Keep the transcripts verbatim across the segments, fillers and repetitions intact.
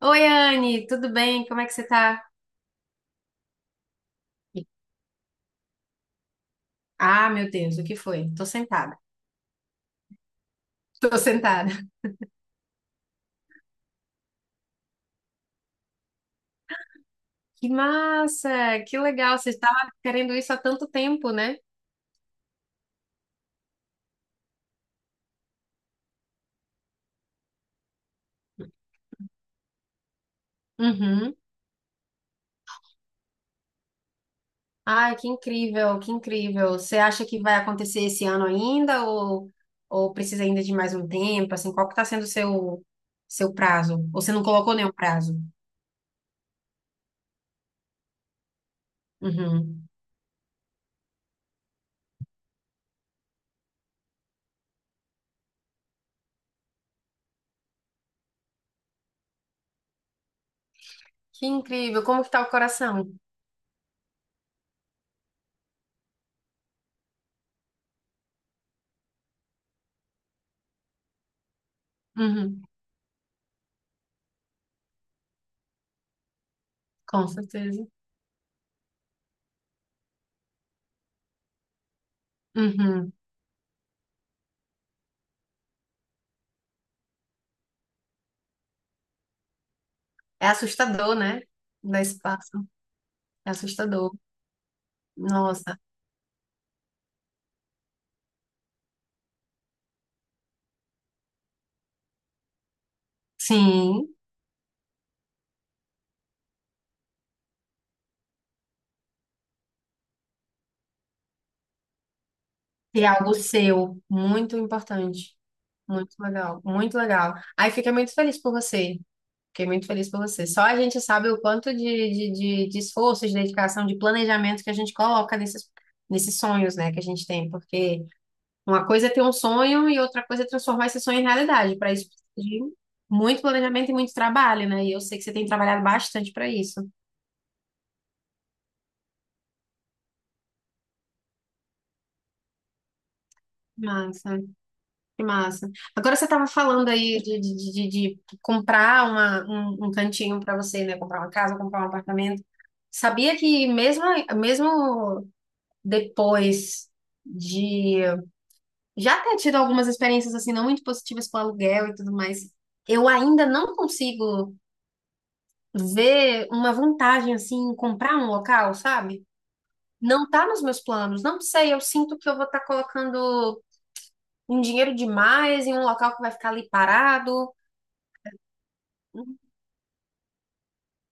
Oi, Anne, tudo bem? Como é que você tá? Ah, meu Deus, o que foi? Tô sentada. Tô sentada. Que massa! Que legal! Você estava querendo isso há tanto tempo, né? Uhum. Ai, que incrível, que incrível. Você acha que vai acontecer esse ano ainda ou, ou precisa ainda de mais um tempo? Assim, qual que tá sendo o seu, seu prazo? Ou você não colocou nenhum prazo? Uhum. Que incrível! Como que tá o coração? Uhum. Com certeza. Uhum. É assustador, né? Da espaço. É assustador. Nossa, sim. E é algo seu, muito importante. Muito legal, muito legal. Aí fiquei muito feliz por você. Fiquei muito feliz por você. Só a gente sabe o quanto de, de, de, de esforço, de dedicação, de planejamento que a gente coloca nesses, nesses sonhos, né, que a gente tem. Porque uma coisa é ter um sonho e outra coisa é transformar esse sonho em realidade. Para isso, precisa de muito planejamento e muito trabalho, né? E eu sei que você tem trabalhado bastante para isso. Massa. Que massa. Agora você estava falando aí de, de, de, de- de comprar uma, um, um cantinho para você, né? Comprar uma casa, comprar um apartamento. Sabia que mesmo, mesmo depois de já ter tido algumas experiências assim não muito positivas com aluguel e tudo mais, eu ainda não consigo ver uma vantagem assim em comprar um local, sabe? Não tá nos meus planos. Não sei, eu sinto que eu vou estar colocando um dinheiro demais em um local que vai ficar ali parado.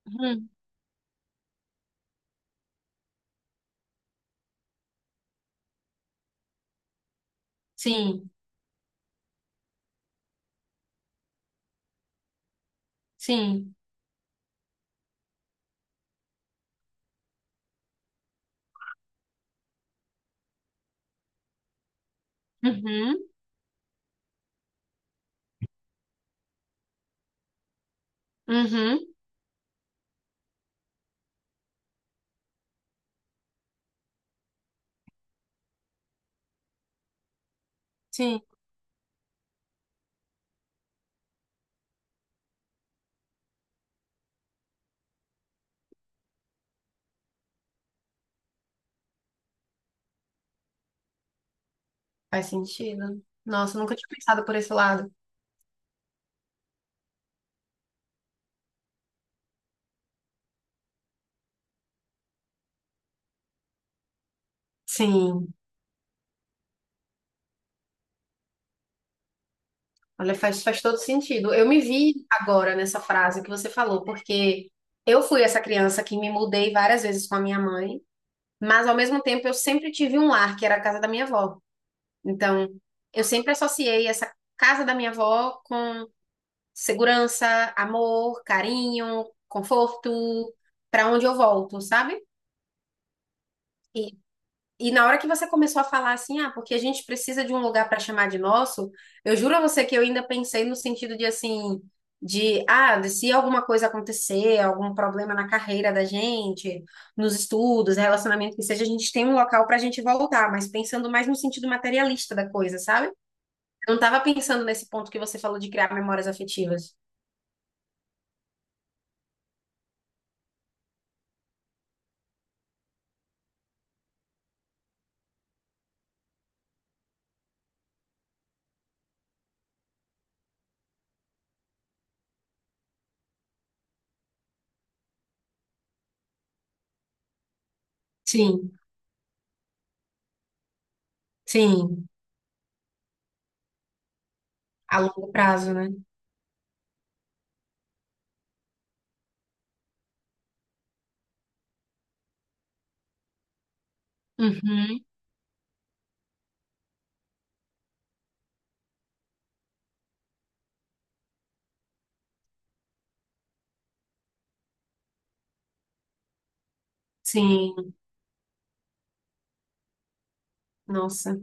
Uhum. Sim, sim. Uhum. Uhum. Sim, faz sentido. Nossa, eu nunca tinha pensado por esse lado. Sim, olha, faz, faz todo sentido. Eu me vi agora nessa frase que você falou, porque eu fui essa criança que me mudei várias vezes com a minha mãe, mas ao mesmo tempo eu sempre tive um lar, que era a casa da minha avó. Então, eu sempre associei essa casa da minha avó com segurança, amor, carinho, conforto, para onde eu volto, sabe? E na hora que você começou a falar assim, ah, porque a gente precisa de um lugar para chamar de nosso, eu juro a você que eu ainda pensei no sentido de assim, de, ah, de se alguma coisa acontecer, algum problema na carreira da gente, nos estudos, relacionamento que seja, a gente tem um local para a gente voltar, mas pensando mais no sentido materialista da coisa, sabe? Eu não estava pensando nesse ponto que você falou de criar memórias afetivas. Sim, sim, a longo prazo, né? Uhum, sim, nossa,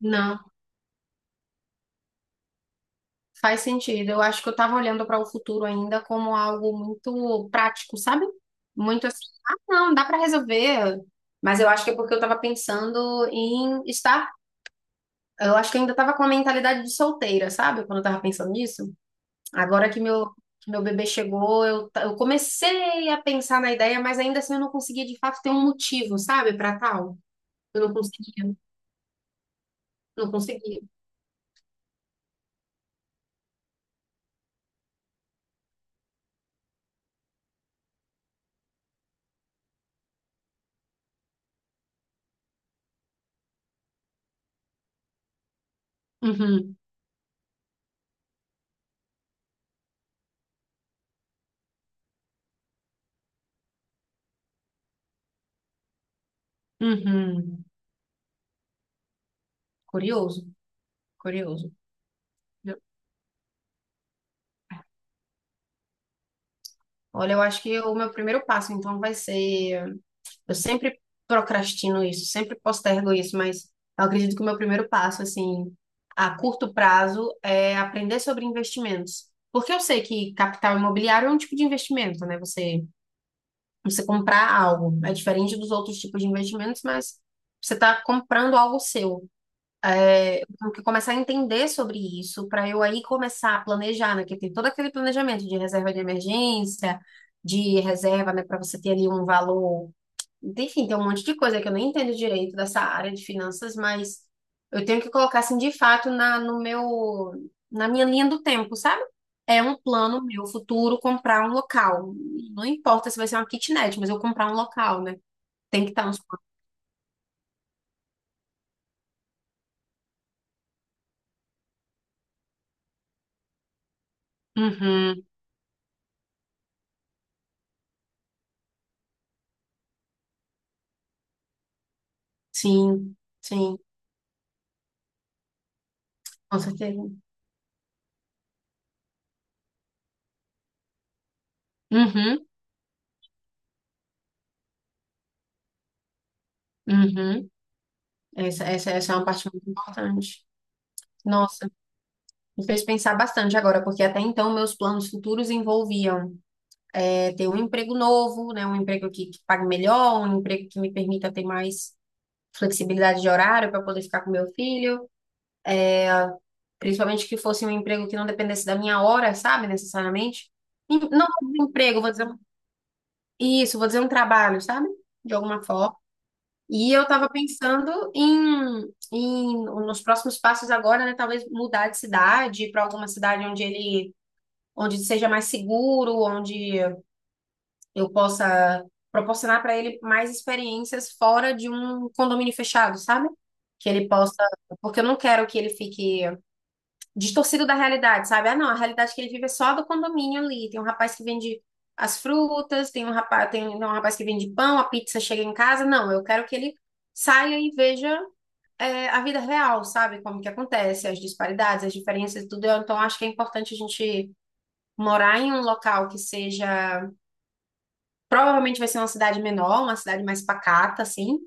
não. Faz sentido. Eu acho que eu tava olhando para o futuro ainda como algo muito prático, sabe? Muito assim, ah, não, dá para resolver. Mas eu acho que é porque eu tava pensando em estar. Eu acho que eu ainda tava com a mentalidade de solteira, sabe? Quando eu tava pensando nisso. Agora que meu, que meu bebê chegou, eu, ta- eu comecei a pensar na ideia, mas ainda assim eu não conseguia de fato ter um motivo, sabe, para tal. Eu não conseguia, não conseguia. Uhum, uhum. Curioso, curioso. Olha, eu acho que o meu primeiro passo, então, vai ser. Eu sempre procrastino isso, sempre postergo isso, mas eu acredito que o meu primeiro passo, assim, a curto prazo, é aprender sobre investimentos. Porque eu sei que capital imobiliário é um tipo de investimento, né? Você, você comprar algo. É diferente dos outros tipos de investimentos, mas você está comprando algo seu tenho que começar a entender sobre isso, para eu aí começar a planejar, né? Porque tem todo aquele planejamento de reserva de emergência, de reserva, né, para você ter ali um valor. Enfim, tem um monte de coisa que eu nem entendo direito dessa área de finanças, mas eu tenho que colocar assim de fato na, no meu, na minha linha do tempo, sabe? É um plano meu futuro comprar um local. Não importa se vai ser uma kitnet, mas eu comprar um local, né? Tem que estar nos planos. Uhum, sim, sim, com certeza. Uhum, uhum. Essa, essa, essa é uma parte muito importante. Nossa, me fez pensar bastante agora, porque até então meus planos futuros envolviam é, ter um emprego novo, né, um emprego que, que pague melhor, um emprego que me permita ter mais flexibilidade de horário para poder ficar com meu filho, principalmente que fosse um emprego que não dependesse da minha hora, sabe, necessariamente. E não um emprego, vou dizer, um- isso, vou dizer um trabalho, sabe? De alguma forma. E eu estava pensando em, em nos próximos passos agora, né, talvez mudar de cidade para alguma cidade onde ele onde seja mais seguro, onde eu possa proporcionar para ele mais experiências fora de um condomínio fechado, sabe? Que ele possa, porque eu não quero que ele fique distorcido da realidade, sabe? Ah, não, a realidade que ele vive é só a do condomínio ali. Tem um rapaz que vende as frutas, tem um rapaz, tem um rapaz que vende pão, a pizza chega em casa. Não, eu quero que ele saia e veja é, a vida real, sabe? Como que acontece, as disparidades, as diferenças e tudo. Eu, então, acho que é importante a gente morar em um local que seja. Provavelmente vai ser uma cidade menor, uma cidade mais pacata, assim,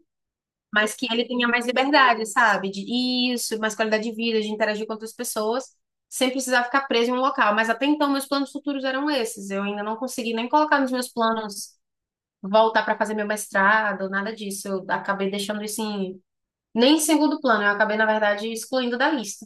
mas que ele tenha mais liberdade, sabe? De isso, mais qualidade de vida, de interagir com outras pessoas, sem precisar ficar preso em um local. Mas até então, meus planos futuros eram esses. Eu ainda não consegui nem colocar nos meus planos voltar para fazer meu mestrado, nada disso. Eu acabei deixando isso em. Nem em segundo plano, eu acabei, na verdade, excluindo da lista.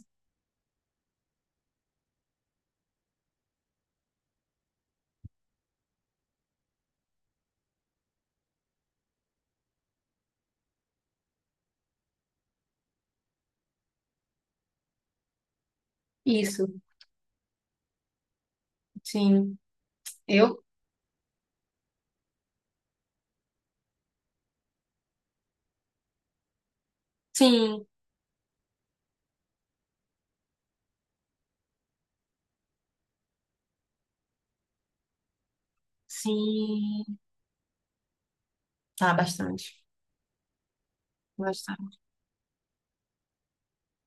Isso, sim. Eu? Sim, sim. Tá, bastante. Bastante.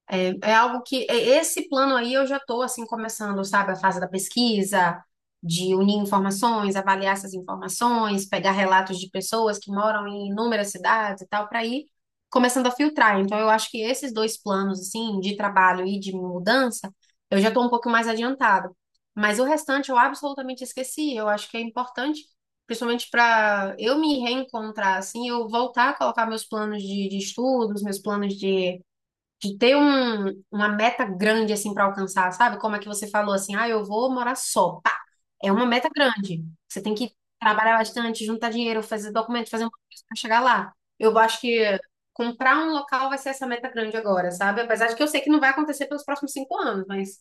É, é algo que é- esse plano aí eu já estou assim começando, sabe, a fase da pesquisa, de unir informações, avaliar essas informações, pegar relatos de pessoas que moram em inúmeras cidades e tal, para ir começando a filtrar. Então eu acho que esses dois planos assim de trabalho e de mudança, eu já estou um pouco mais adiantada. Mas o restante eu absolutamente esqueci. Eu acho que é importante, principalmente para eu me reencontrar assim, eu voltar a colocar meus planos de, de estudos, meus planos de de ter um, uma meta grande assim para alcançar, sabe? Como é que você falou assim, ah, eu vou morar só. Pá, é uma meta grande. Você tem que trabalhar bastante, juntar dinheiro, fazer documento, fazer um coisa para chegar lá. Eu acho que comprar um local vai ser essa meta grande agora, sabe? Apesar de que eu sei que não vai acontecer pelos próximos cinco anos, mas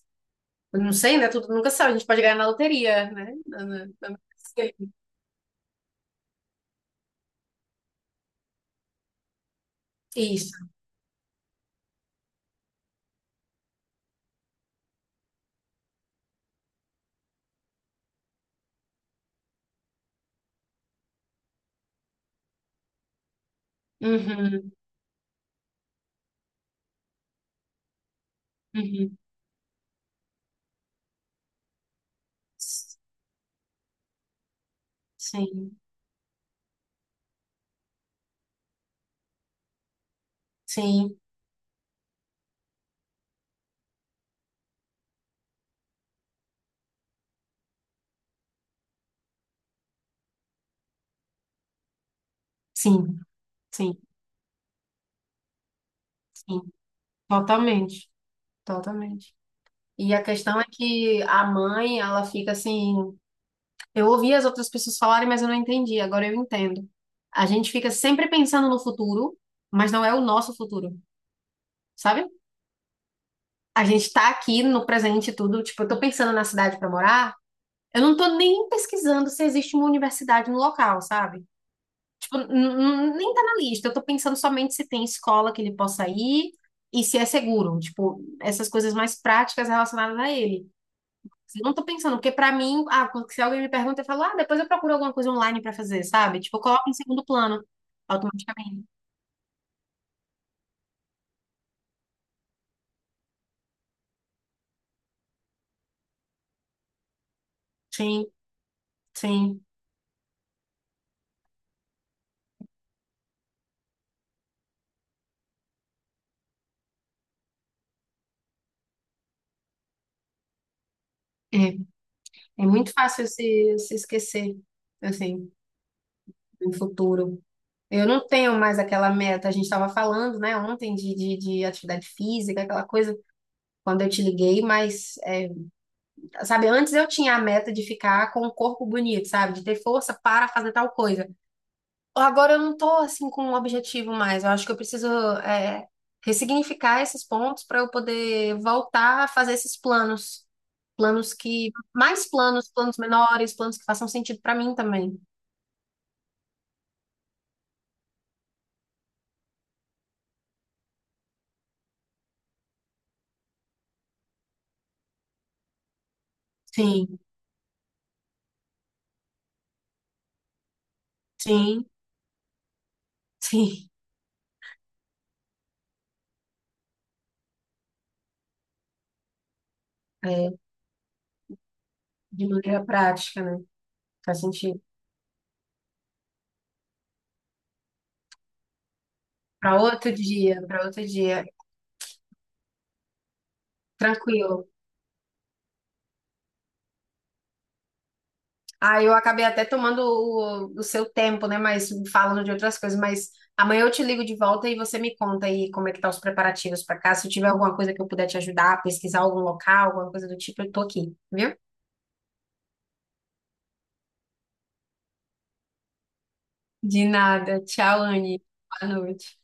eu não sei, né? Tudo nunca sabe. A gente pode ganhar na loteria, né? Na- na- na- Isso. Uhum, uhum. Sim, sim, sim, sim, sim. Totalmente, totalmente. E a questão é que a mãe, ela fica assim. Eu ouvi as outras pessoas falarem, mas eu não entendi. Agora eu entendo. A gente fica sempre pensando no futuro, mas não é o nosso futuro, sabe? A gente tá aqui no presente e tudo. Tipo, eu tô pensando na cidade pra morar. Eu não tô nem pesquisando se existe uma universidade no local, sabe? Tipo, n- n- nem tá na lista. Eu tô pensando somente se tem escola que ele possa ir e se é seguro. Tipo, essas coisas mais práticas relacionadas a ele. Eu não tô pensando, porque pra mim, ah, quando- se alguém me pergunta, eu falo, ah, depois eu procuro alguma coisa online pra fazer, sabe? Tipo, eu coloco em segundo plano, automaticamente. Sim, sim. É, é muito fácil se, se esquecer, assim, no futuro. Eu não tenho mais aquela meta, a gente estava falando, né, ontem de, de, de atividade física, aquela coisa, quando eu te liguei, mas, é, sabe, antes eu tinha a meta de ficar com o corpo bonito, sabe, de ter força para fazer tal coisa. Agora eu não tô assim com um objetivo mais. Eu acho que eu preciso é, ressignificar esses pontos para eu poder voltar a fazer esses planos. Planos que. Mais planos, planos menores, planos que façam sentido para mim também. Sim, sim, sim, é, de maneira prática, né? Faz sentido. Para outro dia, para outro dia. Tranquilo. Ah, eu acabei até tomando o, o seu tempo, né? Mas falando de outras coisas. Mas amanhã eu te ligo de volta e você me conta aí como é que tá os preparativos para cá. Se eu tiver alguma coisa que eu puder te ajudar, pesquisar algum local, alguma coisa do tipo, eu tô aqui, viu? De nada. Tchau, Anne. Boa noite.